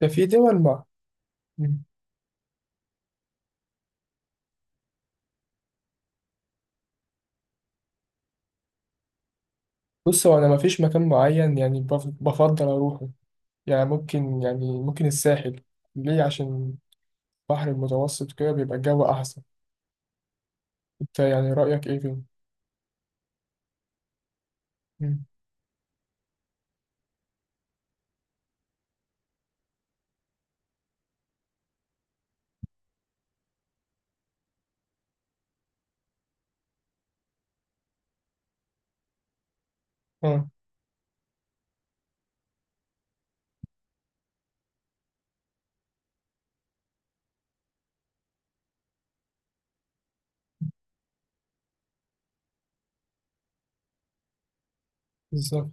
ده في دول مع. مم. بص، هو انا ما فيش مكان معين يعني بفضل اروحه. يعني ممكن الساحل. ليه؟ عشان البحر المتوسط كده بيبقى الجو احسن. انت يعني رايك ايه فيه؟ مم. اه. بالظبط.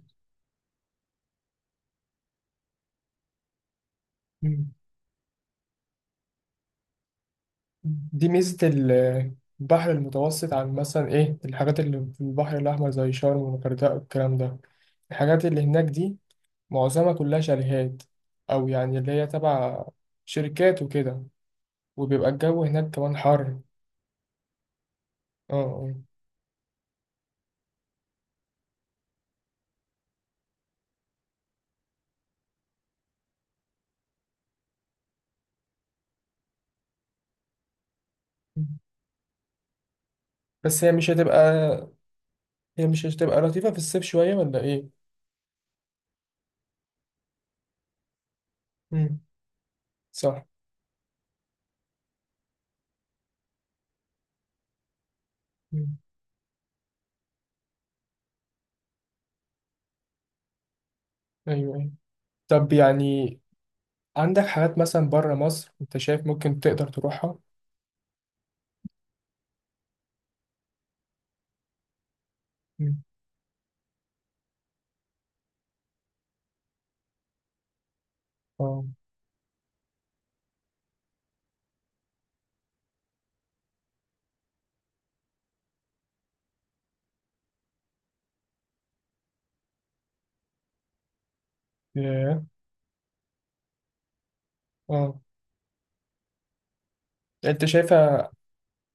مم. دي ميزه البحر المتوسط عن مثلا ايه الحاجات اللي في البحر الاحمر زي شرم والغردقه والكلام ده، الحاجات اللي هناك دي معظمها كلها شاليهات، او يعني اللي هي تبع شركات وكده. وبيبقى الجو هناك كمان حر. اه. آه. بس هي مش هتبقى لطيفة في الصيف شوية ولا إيه؟ مم. صح. مم. أيوه، أيوه. طب يعني عندك حاجات مثلا بره مصر أنت شايف ممكن تقدر تروحها؟ مم. اه. ياه. اه. أنت شايفها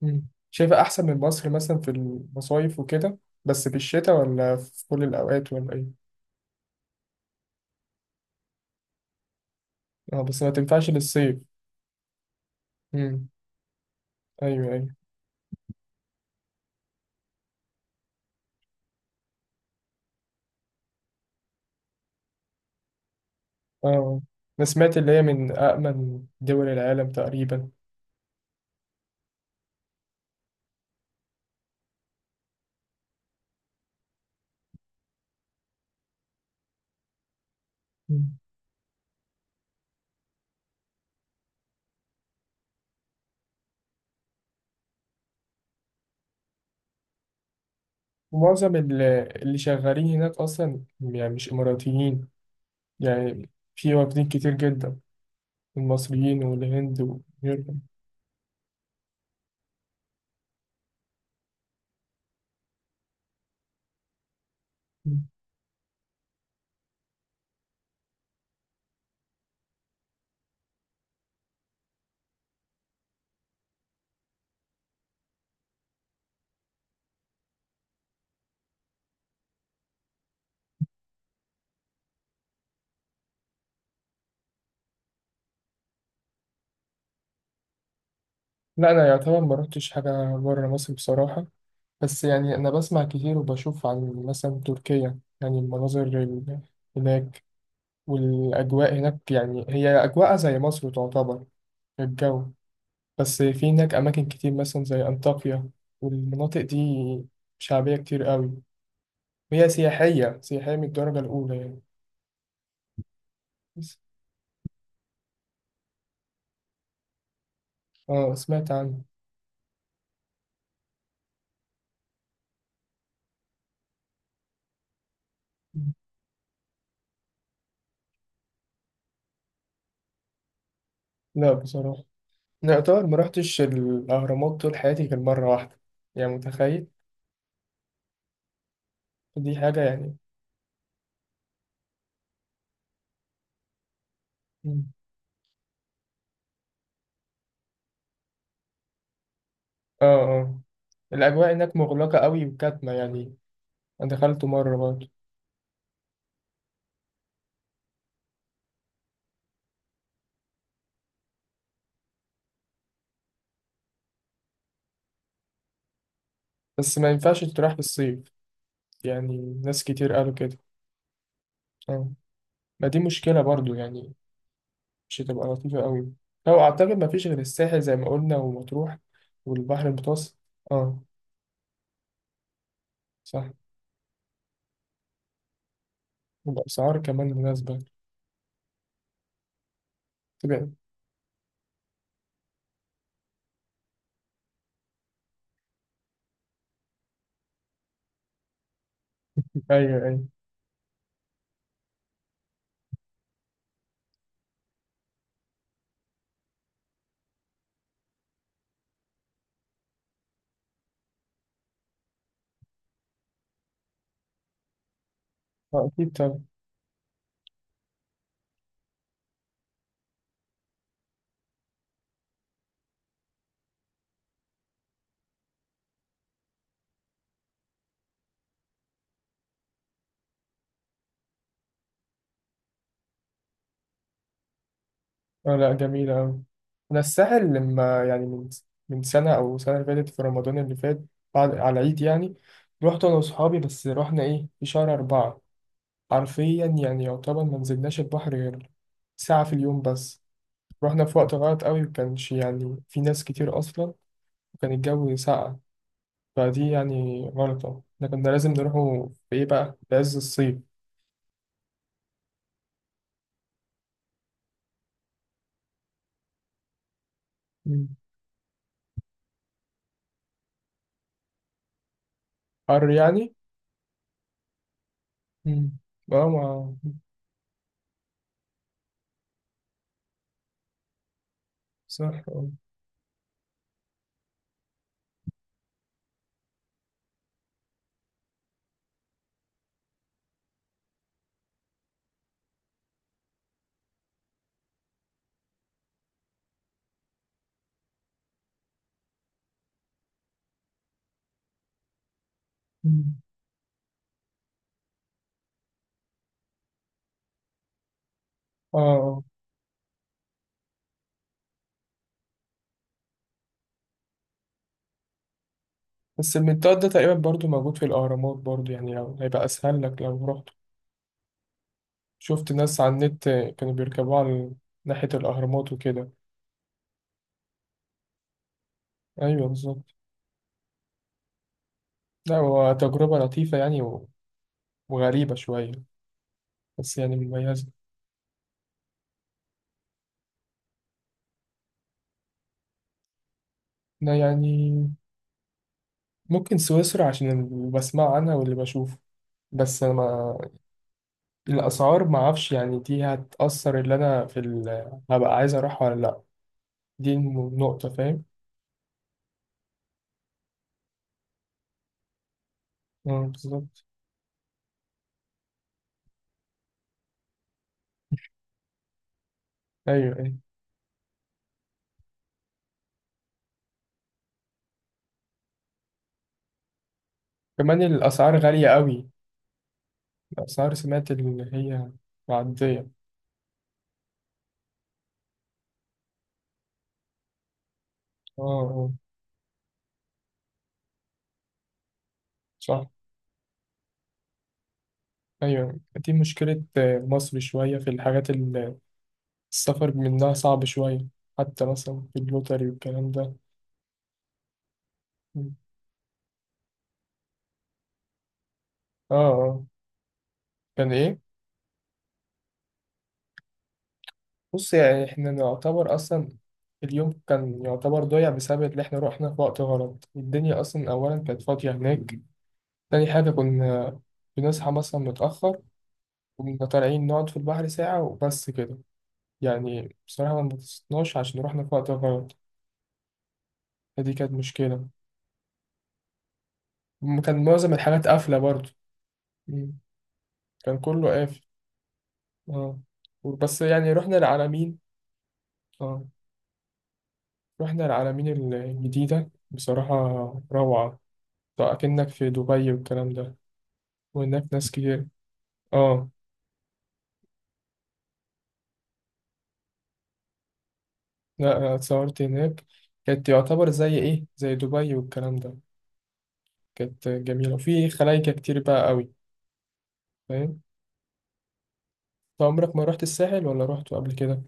مم. شايفها أحسن من مصر مثلا في المصايف وكده، بس في الشتاء ولا في كل الأوقات ولا إيه؟ اه، بس ما تنفعش للصيف. مم. أيوه، أيوه. اه. أنا سمعت اللي هي من أأمن دول العالم تقريبا. ومعظم اللي شغالين هناك أصلا يعني مش إماراتيين يعني. في واخدين كتير جدا، المصريين والهند وغيرهم. لا أنا يعتبر ما رحتش حاجة بره مصر بصراحة. بس يعني أنا بسمع كتير وبشوف عن مثلا تركيا، يعني المناظر هناك والأجواء هناك، يعني هي أجواءها زي مصر تعتبر، الجو. بس في هناك أماكن كتير مثلا زي أنطاكيا والمناطق دي، شعبية كتير قوي، هي سياحية سياحية من الدرجة الأولى يعني. بس اه، سمعت عنها. لا بصراحة، لا يعتبر ما رحتش الأهرامات طول حياتي غير مرة واحدة، يعني متخيل؟ دي حاجة يعني. مم. اه، اه. الأجواء هناك مغلقة قوي وكاتمة يعني، أنا دخلته مرة برضه. بس ما ينفعش تروح في الصيف يعني. ناس كتير قالوا كده. اه. ما دي مشكلة برضه يعني، مش هتبقى لطيفة قوي. لو أعتقد ما فيش غير الساحل زي ما قلنا ومطروح والبحر المتوسط. اه، صح. وبأسعار كمان مناسبة. تبقى. أيوة، أيوة. آه، أكيد طبعا. آه، لا جميلة أوي. أنا الساحل، لما يعني من سنة أو سنة اللي فاتت في رمضان اللي فات، بعد على العيد يعني، رحت أنا وأصحابي، بس رحنا إيه في شهر أربعة. حرفيا يعني يعتبر ما نزلناش البحر غير ساعة في اليوم بس. رحنا في وقت غلط أوي وكانش يعني في ناس كتير أصلا. وكان الجو ساقع، فدي يعني غلطة، إحنا كنا لازم نروحوا في إيه بقى، في عز الصيف. مم. حر يعني. مم. اه، ما صح، اه. مم. اه. آه. بس المنطاد ده تقريبا برضو موجود في الأهرامات برضو، يعني لو هيبقى أسهل لك لو رحت. شفت ناس على النت كانوا بيركبوا على ناحية الأهرامات وكده. أيوه، بالظبط. لا هو تجربة لطيفة يعني وغريبة شوية، بس يعني مميزة. أنا يعني ممكن سويسرا عشان اللي بسمع عنها واللي بشوفه، بس أنا ما الأسعار ما أعرفش يعني، دي هتأثر اللي أنا في هبقى عايز أروح ولا لأ. دي النقطة، فاهم. مم، بالظبط. ايوه، ايوه. كمان الاسعار غاليه قوي. الاسعار، سمعت اللي هي معديه. اه. اه. صح. ايوه، دي مشكله، آه، مصر شويه في الحاجات اللي السفر منها صعب شويه. حتى مثلا في اللوتري والكلام ده. مم. اه، اه، كان ايه. بص يعني احنا نعتبر اصلا اليوم كان يعتبر ضايع بسبب اللي احنا رحنا في وقت غلط، الدنيا اصلا اولا كانت فاضيه هناك. تاني حاجه كنا بنصحى مثلا متاخر، كنا طالعين نقعد في البحر ساعة وبس كده، يعني بصراحة ما انبسطناش عشان رحنا في وقت غلط. فدي كانت مشكلة. كان معظم الحاجات قافلة برضو. مم. كان كله قافل. اه، بس يعني رحنا العلمين. اه، رحنا العلمين الجديدة، بصراحة روعة. طيب أكنك في دبي والكلام ده، وهناك ناس كتير. اه. لا أنا اتصورت هناك، كانت يعتبر زي ايه، زي دبي والكلام ده، كانت جميلة وفي خلايكة كتير بقى قوي، فاهم. طب عمرك ما رحت الساحل ولا رحت قبل كده؟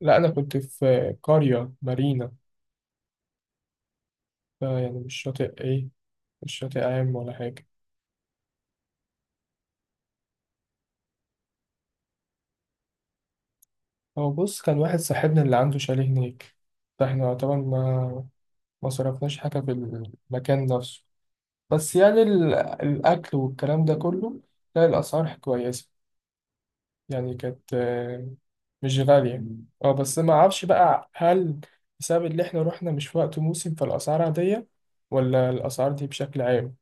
لا أنا كنت في قرية مارينا. يعني مش شاطئ إيه، مش شاطئ عام ولا حاجة. هو بص كان واحد صاحبنا اللي عنده شاليه هناك، فاحنا طبعا ما صرفناش حاجة في المكان نفسه، بس يعني الأكل والكلام ده كله، لا الأسعار كويسة، يعني كانت آه، مش غالية. اه، بس ما أعرفش بقى، هل بسبب اللي احنا رحنا مش في وقت موسم فالأسعار عادية ولا الأسعار دي بشكل عام؟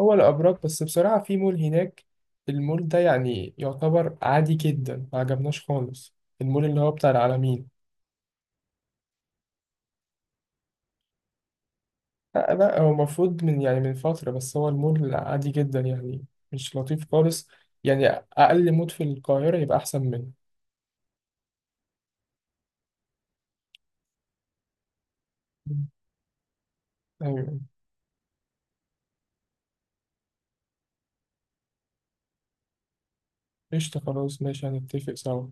هو الأبراج، بس بصراحة في مول هناك، المول ده يعني يعتبر عادي جدا ما عجبناش خالص، المول اللي هو بتاع العالمين. لا لا، هو المفروض من يعني من فترة، بس هو المول عادي جدا يعني، مش لطيف خالص، يعني أقل مول في القاهرة يبقى أحسن منه. مم. أيوة. قشطة، خلاص ماشي، هنتفق سوا.